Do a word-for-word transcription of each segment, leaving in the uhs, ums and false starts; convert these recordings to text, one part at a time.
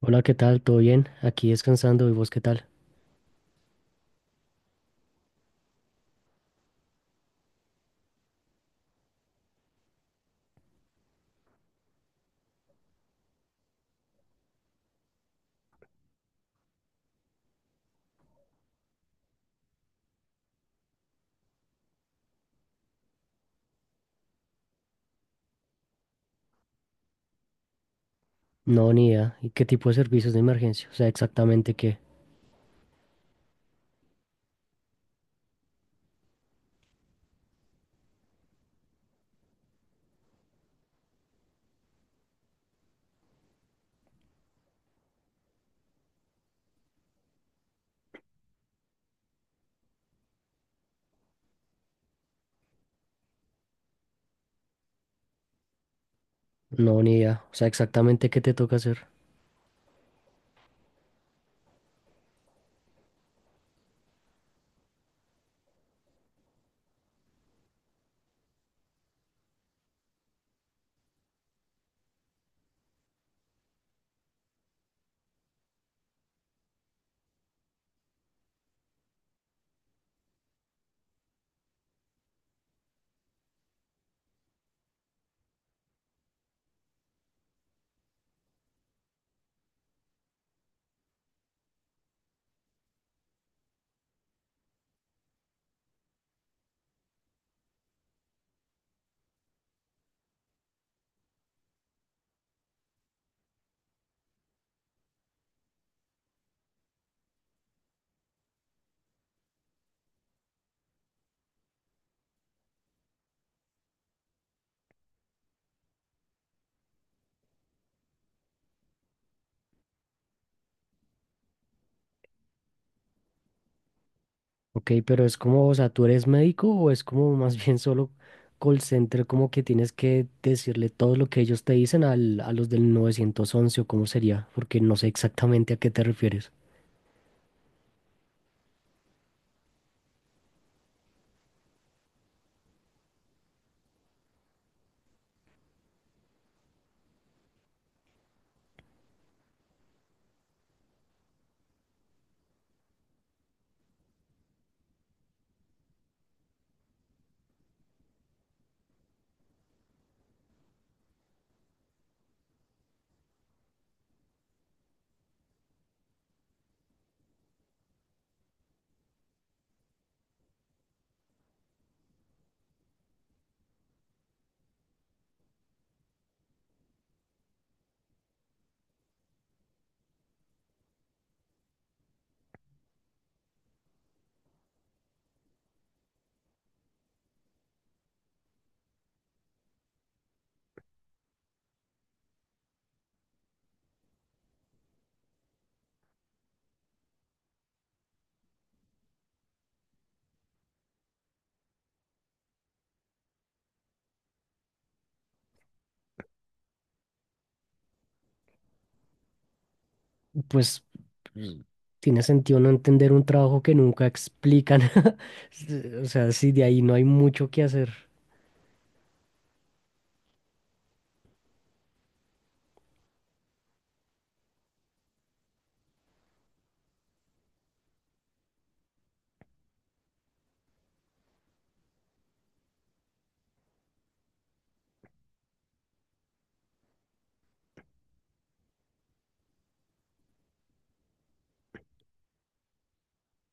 Hola, ¿qué tal? ¿Todo bien? Aquí descansando. ¿Y vos qué tal? No, ni idea. ¿Y qué tipo de servicios de emergencia? O sea, exactamente qué. No, ni idea. O sea, exactamente qué te toca hacer. Ok, pero es como, o sea, ¿tú eres médico o es como más bien solo call center, como que tienes que decirle todo lo que ellos te dicen al, a los del novecientos once o cómo sería? Porque no sé exactamente a qué te refieres. Pues, mm, tiene sentido no entender un trabajo que nunca explican. O sea, si de ahí no hay mucho que hacer.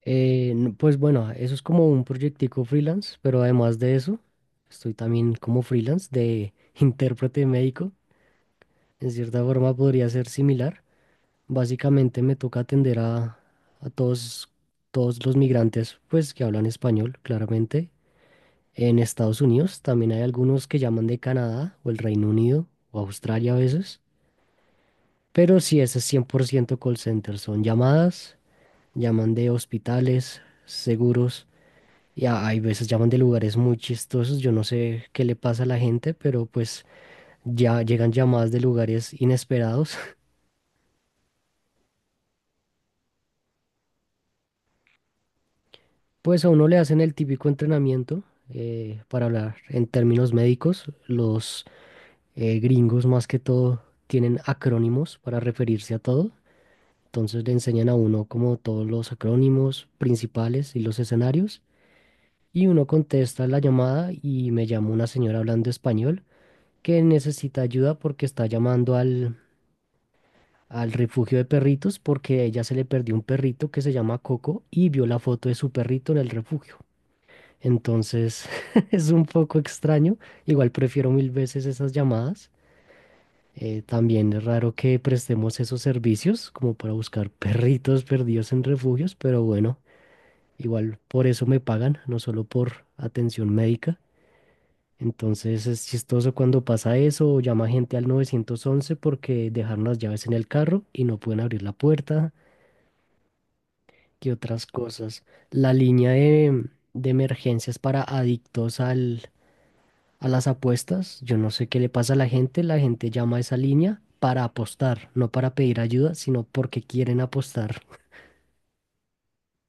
Eh, no, pues bueno, eso es como un proyectico freelance, pero además de eso, estoy también como freelance de intérprete médico. En cierta forma podría ser similar. Básicamente me toca atender a, a todos, todos los migrantes pues, que hablan español, claramente. En Estados Unidos también hay algunos que llaman de Canadá o el Reino Unido o Australia a veces. Pero sí, ese es cien por ciento call center. Son llamadas, llaman de hospitales, seguros. Y a- hay veces llaman de lugares muy chistosos, yo no sé qué le pasa a la gente, pero pues ya llegan llamadas de lugares inesperados. Pues a uno le hacen el típico entrenamiento, eh, para hablar en términos médicos, los eh, gringos más que todo tienen acrónimos para referirse a todo. Entonces le enseñan a uno como todos los acrónimos principales y los escenarios. Y uno contesta la llamada y me llama una señora hablando español que necesita ayuda porque está llamando al al refugio de perritos porque a ella se le perdió un perrito que se llama Coco y vio la foto de su perrito en el refugio. Entonces es un poco extraño. Igual prefiero mil veces esas llamadas. Eh, también es raro que prestemos esos servicios como para buscar perritos perdidos en refugios, pero bueno, igual por eso me pagan, no solo por atención médica. Entonces es chistoso cuando pasa eso, o llama gente al novecientos once porque dejaron las llaves en el carro y no pueden abrir la puerta. ¿Qué otras cosas? La línea de, de emergencias para adictos al, a las apuestas. Yo no sé qué le pasa a la gente. La gente llama a esa línea para apostar, no para pedir ayuda, sino porque quieren apostar.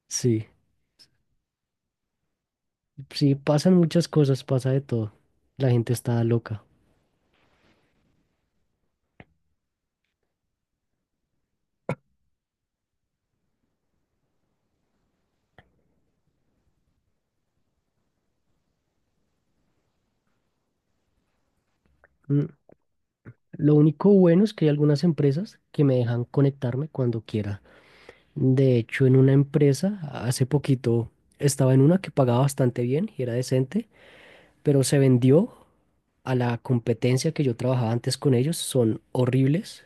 Sí, sí, pasan muchas cosas, pasa de todo. La gente está loca. Mm, lo único bueno es que hay algunas empresas que me dejan conectarme cuando quiera. De hecho, en una empresa, hace poquito estaba en una que pagaba bastante bien y era decente, pero se vendió a la competencia. Que yo trabajaba antes con ellos, son horribles.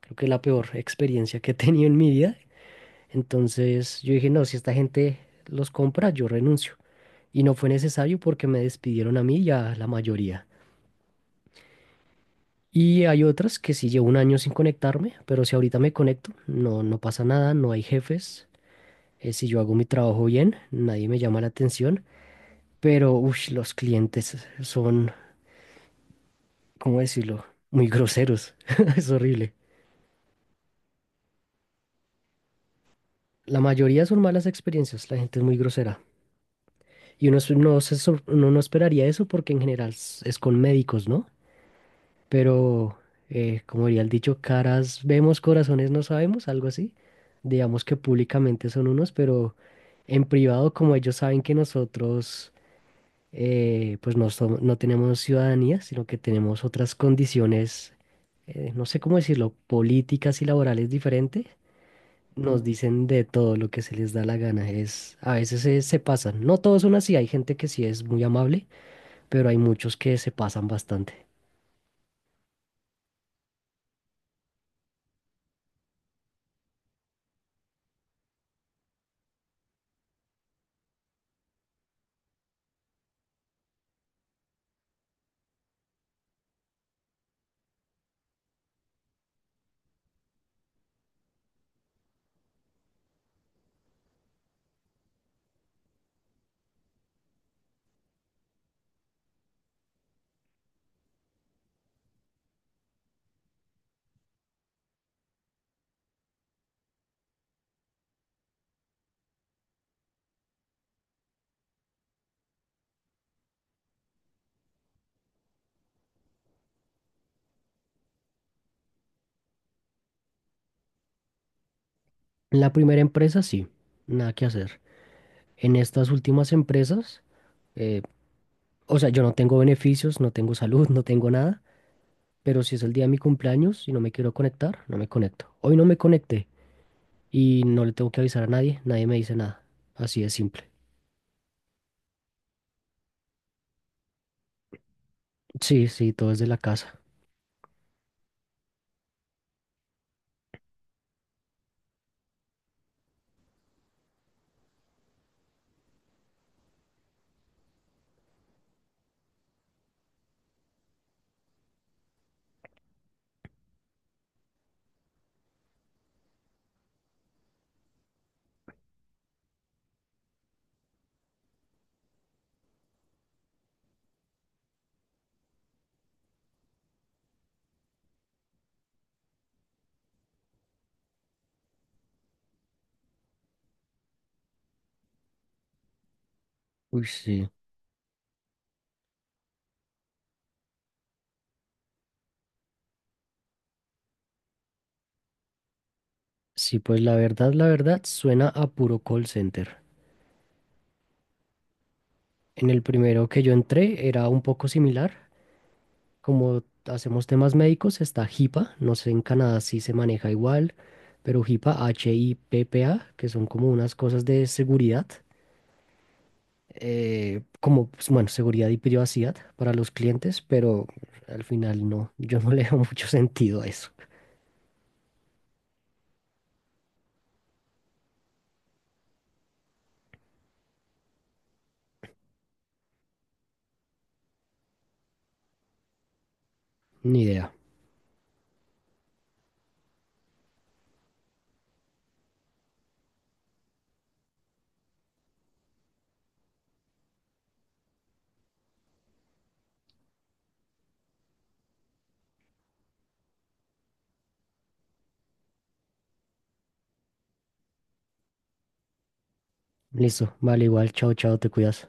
Creo que es la peor experiencia que he tenido en mi vida. Entonces yo dije, no, si esta gente los compra, yo renuncio. Y no fue necesario porque me despidieron a mí y a la mayoría. Y hay otras que sí llevo un año sin conectarme, pero si ahorita me conecto, no, no pasa nada, no hay jefes. Eh, si yo hago mi trabajo bien, nadie me llama la atención. Pero uy, los clientes son, ¿cómo decirlo? Muy groseros. Es horrible. La mayoría son malas experiencias, la gente es muy grosera. Y uno, es- no se sor- uno no esperaría eso porque en general es es con médicos, ¿no? Pero, eh, como diría el dicho, caras vemos, corazones no sabemos, algo así. Digamos que públicamente son unos, pero en privado, como ellos saben que nosotros, eh, pues no, som- no tenemos ciudadanía, sino que tenemos otras condiciones, eh, no sé cómo decirlo, políticas y laborales diferentes, nos dicen de todo lo que se les da la gana. Es, a veces se, se pasan. No todos son así, hay gente que sí es muy amable, pero hay muchos que se pasan bastante. En la primera empresa sí, nada que hacer. En estas últimas empresas, eh, o sea, yo no tengo beneficios, no tengo salud, no tengo nada, pero si es el día de mi cumpleaños y no me quiero conectar, no me conecto. Hoy no me conecté y no le tengo que avisar a nadie, nadie me dice nada. Así de simple. Sí, sí, todo es de la casa. Uy, sí. Sí, pues la verdad, la verdad, suena a puro call center. En el primero que yo entré era un poco similar. Como hacemos temas médicos, está HIPAA. No sé en Canadá si se maneja igual, pero HIPAA, H I P P A, que son como unas cosas de seguridad, eh, como, pues, bueno, seguridad y privacidad para los clientes, pero al final no, yo no le veo mucho sentido a eso. Ni idea. Listo, vale, igual, chao, chao, te cuidas.